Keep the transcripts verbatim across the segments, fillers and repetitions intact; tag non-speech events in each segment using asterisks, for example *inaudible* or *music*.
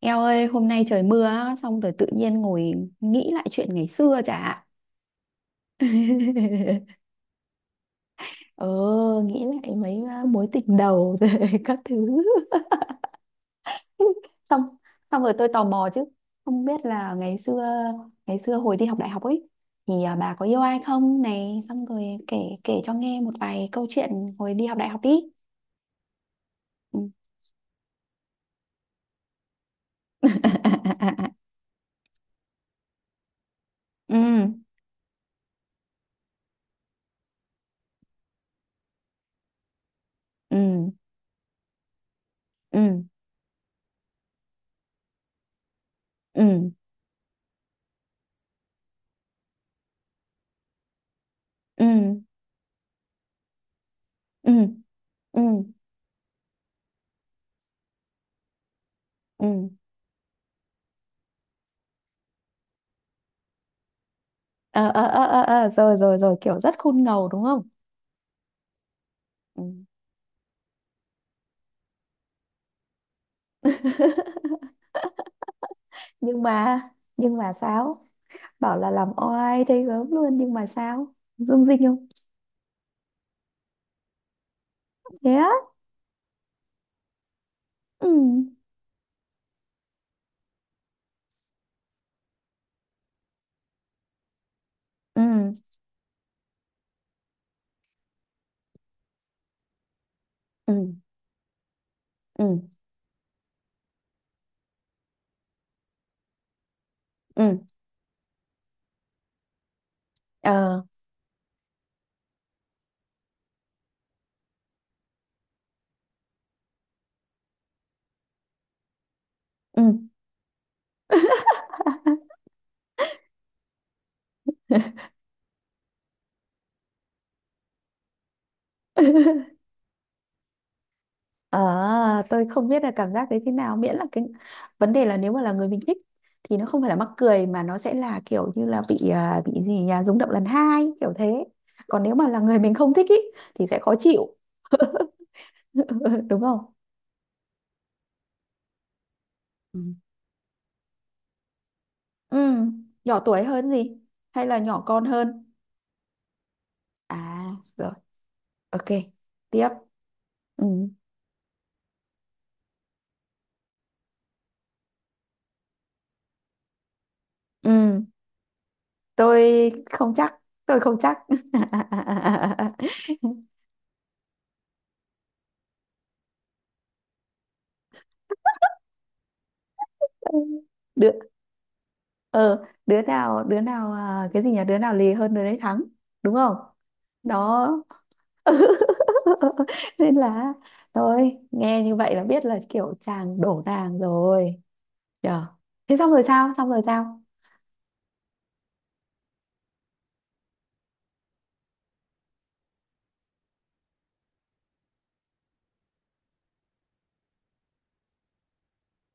Eo ơi, hôm nay trời mưa á, xong rồi tự nhiên ngồi nghĩ lại chuyện ngày xưa chả. *laughs* Ờ, nghĩ lại mấy uh, mối tình đầu rồi, *laughs* các thứ. *laughs* Xong, xong rồi tôi tò mò chứ. Không biết là ngày xưa, ngày xưa hồi đi học đại học ấy, thì à, bà có yêu ai không này, xong rồi kể kể cho nghe một vài câu chuyện hồi đi học đại học đi. Ừ. *laughs* Ừ ừ ừ ừ ừ ừ ừ ừ ừ. Ờ ờ ờ ờ ờ, rồi rồi rồi, kiểu rất khôn ngầu đúng không. Ừ. *laughs* nhưng mà nhưng mà sao bảo là làm oai thấy gớm luôn nhưng mà sao dung dinh không? Thế á. Ừ ừ ừ ừ ừ ờ ừ. *laughs* Ờ, tôi không biết là cảm giác đấy thế nào, miễn là cái vấn đề là nếu mà là người mình thích thì nó không phải là mắc cười mà nó sẽ là kiểu như là bị à, bị gì nhà rung động lần hai kiểu thế. Còn nếu mà là người mình không thích ý, thì sẽ khó chịu. *laughs* *laughs* Đúng không? Ừ. Ừ, nhỏ tuổi hơn gì hay là nhỏ con hơn? À, rồi, ok, tiếp. Ừ ừ, tôi không chắc, tôi không chắc. *laughs* Đứa, ờ đứa nào, đứa nào à, cái gì nhỉ, đứa nào lì hơn đứa đấy thắng, đúng không? Đó. *laughs* Nên là thôi, nghe như vậy là biết là kiểu chàng đổ nàng rồi nhờ. Thế xong rồi sao, xong rồi sao?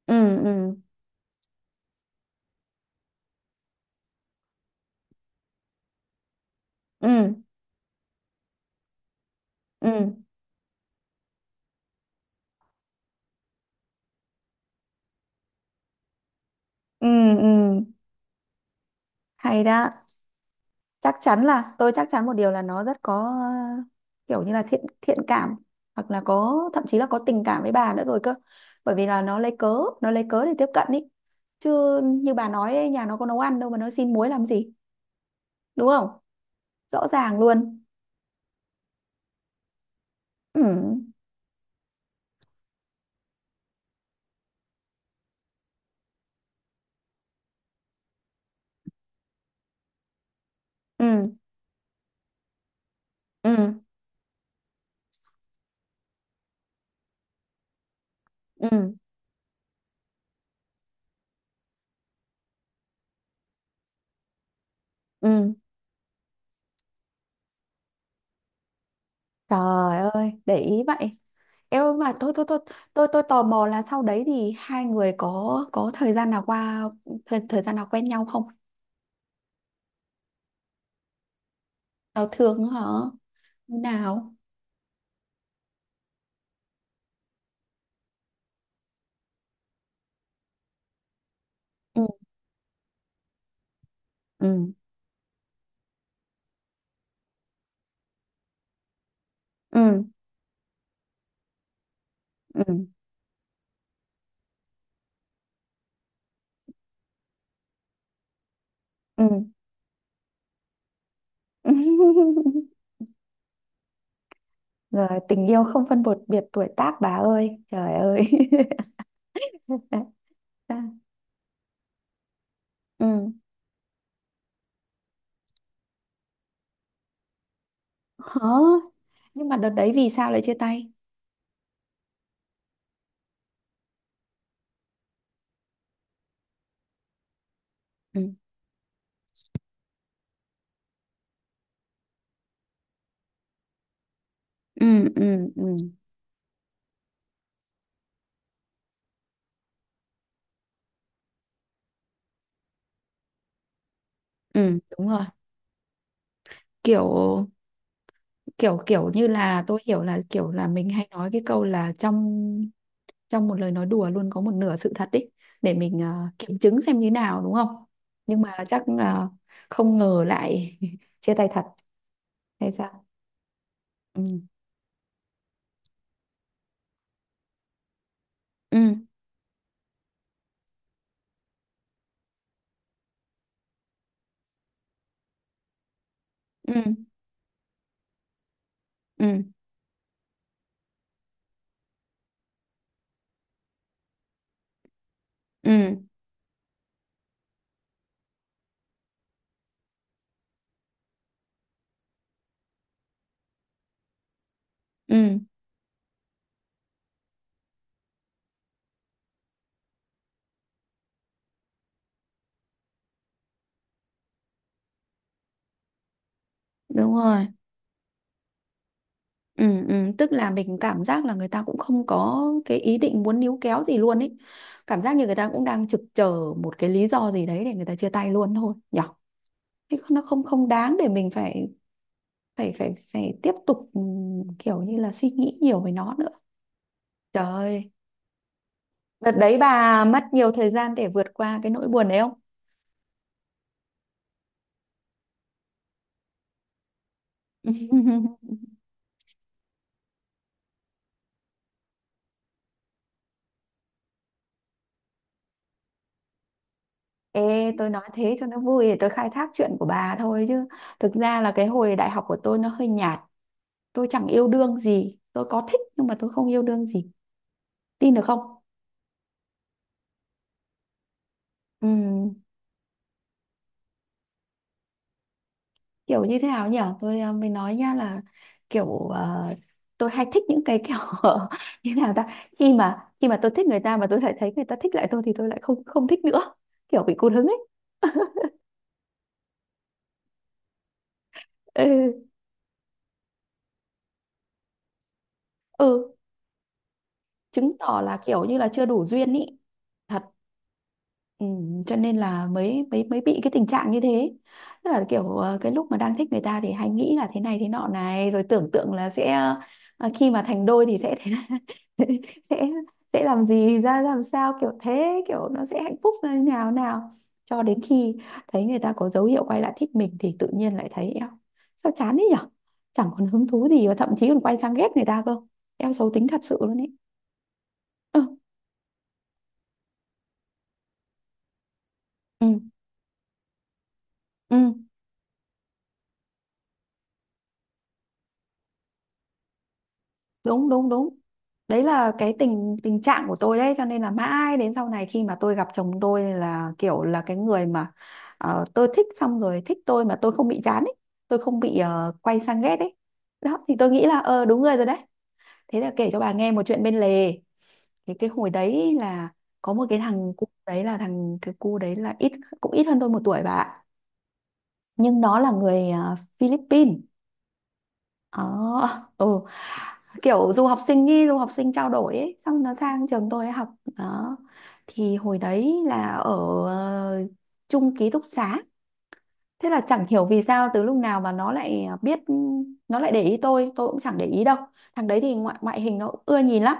Ừ ừ ừ ừ ừ ừ. Hay đó. Chắc chắn là tôi chắc chắn một điều là nó rất có, ờ, kiểu như là thiện thiện cảm, hoặc là có, thậm chí là có tình cảm với bà nữa rồi cơ, bởi vì là nó lấy cớ nó lấy cớ để tiếp cận ý. Chứ như bà nói ấy, nhà nó có nấu ăn đâu mà nó xin muối làm gì, đúng không? Rõ ràng luôn. Ừ ừ ừ ừ ừ. Trời ơi, để ý vậy. Em ơi, mà tôi tôi tôi tôi tôi tò mò là sau đấy thì hai người có có thời gian nào qua, thời, thời gian nào quen nhau không? Giao thương hả? Như nào? Ừ ừ ừ ừ ừ. *laughs* Rồi tình yêu không phân biệt biệt tuổi tác bà ơi. Trời ơi. *laughs* Đã- đã. Ừ. *laughs* Hả? Nhưng mà đợt đấy vì sao lại chia tay? Ừ ừ ừ ừ ừ, đúng rồi. Kiểu kiểu kiểu như là, tôi hiểu là kiểu là mình hay nói cái câu là trong trong một lời nói đùa luôn có một nửa sự thật ý, để mình ờ, kiểm chứng xem như nào đúng không, nhưng mà chắc là không ngờ lại *laughs* chia tay thật hay sao? Ừ ừ ừ ừ ừ ừ, đúng rồi. Ừ ừ, tức là mình cảm giác là người ta cũng không có cái ý định muốn níu kéo gì luôn ấy, cảm giác như người ta cũng đang trực chờ một cái lý do gì đấy để người ta chia tay luôn thôi nhở. Thế nó không không đáng để mình phải phải phải phải tiếp tục, ừ, kiểu như là suy nghĩ nhiều về nó nữa. Trời ơi, đợt đấy bà mất nhiều thời gian để vượt qua cái nỗi buồn đấy không? *laughs* Ê, tôi nói thế cho nó vui để tôi khai thác chuyện của bà thôi chứ. Thực ra là cái hồi đại học của tôi nó hơi nhạt. Tôi chẳng yêu đương gì. Tôi có thích nhưng mà tôi không yêu đương gì. Tin được không? Ừm, kiểu như thế nào nhỉ? Tôi, ờ, mới nói nha là kiểu, ờ, tôi hay thích những cái kiểu *laughs* như nào ta? Khi mà khi mà tôi thích người ta mà tôi lại thấy người ta thích lại tôi thì tôi lại không không thích nữa. Kiểu bị cụt hứng ấy. *laughs* Ừ ừ. Chứng tỏ là kiểu như là chưa đủ duyên ý, thật. Ừ, cho nên là mới mới mới bị cái tình trạng như thế. Tức là kiểu, ờ, cái lúc mà đang thích người ta thì hay nghĩ là thế này thế nọ này, rồi tưởng tượng là sẽ, ờ, khi mà thành đôi thì sẽ thế này, *laughs* sẽ sẽ làm gì ra làm sao, kiểu thế, kiểu nó sẽ hạnh phúc như nào nào, cho đến khi thấy người ta có dấu hiệu quay lại thích mình thì tự nhiên lại thấy eo, sao chán thế nhở, chẳng còn hứng thú gì, và thậm chí còn quay sang ghét người ta cơ. Eo, xấu tính thật sự luôn ấy. Ừ. Ừ. Ừ, đúng đúng đúng. Đấy là cái tình tình trạng của tôi đấy, cho nên là mãi đến sau này khi mà tôi gặp chồng tôi là kiểu là cái người mà, ờ, tôi thích xong rồi thích tôi mà tôi không bị chán ấy, tôi không bị, ờ, quay sang ghét ấy. Đó thì tôi nghĩ là ờ đúng người rồi đấy. Thế là kể cho bà nghe một chuyện bên lề. Thì cái hồi đấy là có một cái thằng cu đấy là thằng cái cu đấy là ít cũng ít hơn tôi một tuổi bà ạ. Nhưng nó là người, ờ, Philippines. Ờ, ừ. Kiểu du học sinh ý, du học sinh trao đổi ấy, xong nó sang trường tôi ấy học, đó. Thì hồi đấy là ở, ờ, chung ký túc xá. Thế là chẳng hiểu vì sao từ lúc nào mà nó lại biết, nó lại để ý tôi, tôi cũng chẳng để ý đâu. Thằng đấy thì ngoại ngoại hình nó cũng ưa nhìn lắm.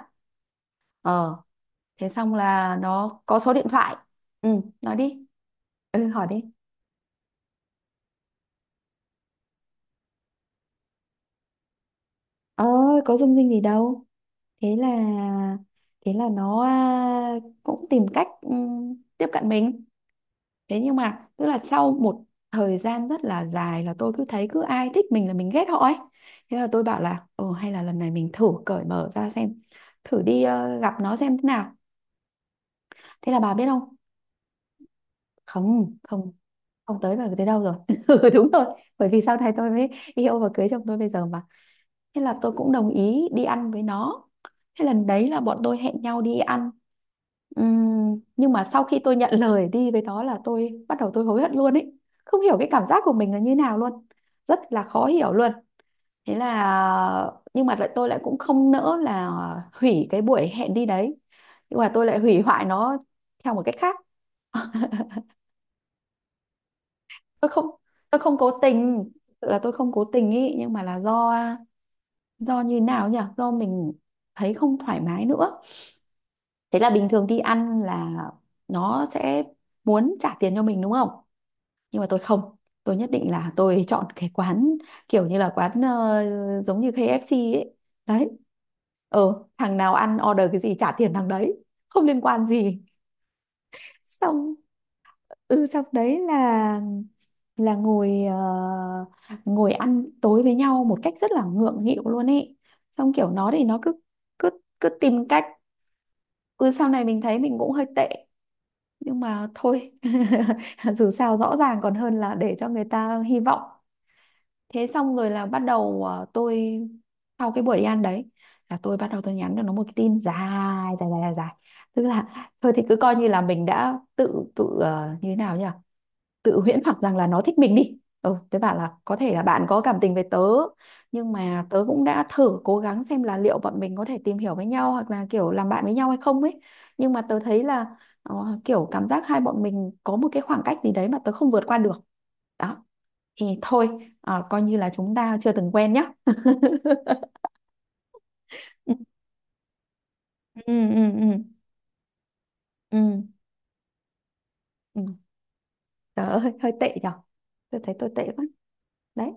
Ờ, thế xong là nó có số điện thoại. Ừ, nói đi. Ừ, hỏi đi. Ờ, có dung dinh gì đâu. thế là thế là nó, à, cũng tìm cách, ừm, tiếp cận mình. Thế nhưng mà tức là sau một thời gian rất là dài là tôi cứ thấy cứ ai thích mình là mình ghét họ ấy. Thế là tôi bảo là ừ hay là lần này mình thử cởi mở ra xem, thử đi, ờ, gặp nó xem thế nào. Thế là bà biết không? Không, không. Không tới vào tới đâu rồi. *laughs* Ừ, đúng rồi, bởi vì sau này tôi mới yêu và cưới chồng tôi bây giờ mà. Thế là tôi cũng đồng ý đi ăn với nó. Thế lần đấy là bọn tôi hẹn nhau đi ăn. Ừm, nhưng mà sau khi tôi nhận lời đi với nó là tôi bắt đầu tôi hối hận luôn ấy. Không hiểu cái cảm giác của mình là như nào luôn. Rất là khó hiểu luôn. Thế là, nhưng mà lại tôi lại cũng không nỡ là hủy cái buổi hẹn đi đấy. Nhưng mà tôi lại hủy hoại nó theo một cách khác. *laughs* Tôi không tôi không cố tình, là tôi không cố tình ý, nhưng mà là do, do như nào nhỉ? Do mình thấy không thoải mái nữa. Thế là bình thường đi ăn là nó sẽ muốn trả tiền cho mình đúng không? Nhưng mà tôi không. Tôi nhất định là tôi chọn cái quán kiểu như là quán, ờ, giống như ca ép xê ấy. Đấy. Ờ, thằng nào ăn order cái gì trả tiền thằng đấy. Không liên quan gì. Xong ừ xong đấy là là ngồi, ờ, ngồi ăn tối với nhau một cách rất là ngượng nghịu luôn ấy. Xong kiểu nó thì nó cứ cứ cứ tìm cách, ừ, sau này mình thấy mình cũng hơi tệ, nhưng mà thôi, *laughs* dù sao rõ ràng còn hơn là để cho người ta hy vọng. Thế xong rồi là bắt đầu, ờ, tôi sau cái buổi đi ăn đấy là tôi bắt đầu tôi nhắn cho nó một cái tin dài dài dài dài dài. Tức là thôi thì cứ coi như là mình đã tự tự, ờ, như thế nào nhỉ, tự huyễn hoặc rằng là nó thích mình đi, ừ tớ bảo là có thể là bạn có cảm tình với tớ, nhưng mà tớ cũng đã thử cố gắng xem là liệu bọn mình có thể tìm hiểu với nhau hoặc là kiểu làm bạn với nhau hay không ấy, nhưng mà tớ thấy là, ờ, kiểu cảm giác hai bọn mình có một cái khoảng cách gì đấy mà tớ không vượt qua được, đó, thì thôi, ờ, coi như là chúng ta chưa từng quen nhá. Ừ ừ ừ ừ ừ ừ. Tớ hơi, hơi tệ nhở, tôi thấy tôi tệ quá đấy.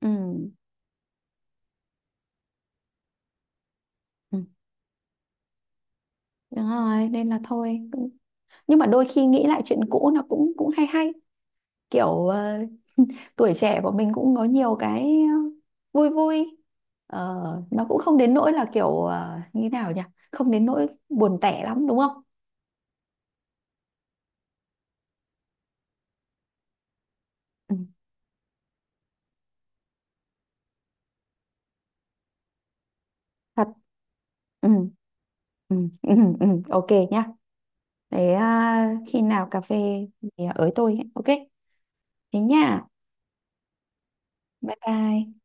Ừ, ừ, đúng rồi nên là thôi, nhưng mà đôi khi nghĩ lại chuyện cũ nó cũng cũng hay hay, kiểu, ờ, *laughs* tuổi trẻ của mình cũng có nhiều cái, ờ, vui vui. Ờ, nó cũng không đến nỗi là kiểu, ờ, như thế nào nhỉ, không đến nỗi buồn tẻ lắm đúng không? Ừ, thật. Ừ, ừ, ừ, ừ, ok nhá. Thế, à, khi nào cà phê thì ới tôi nhé. Ok, thế nha, bye bye.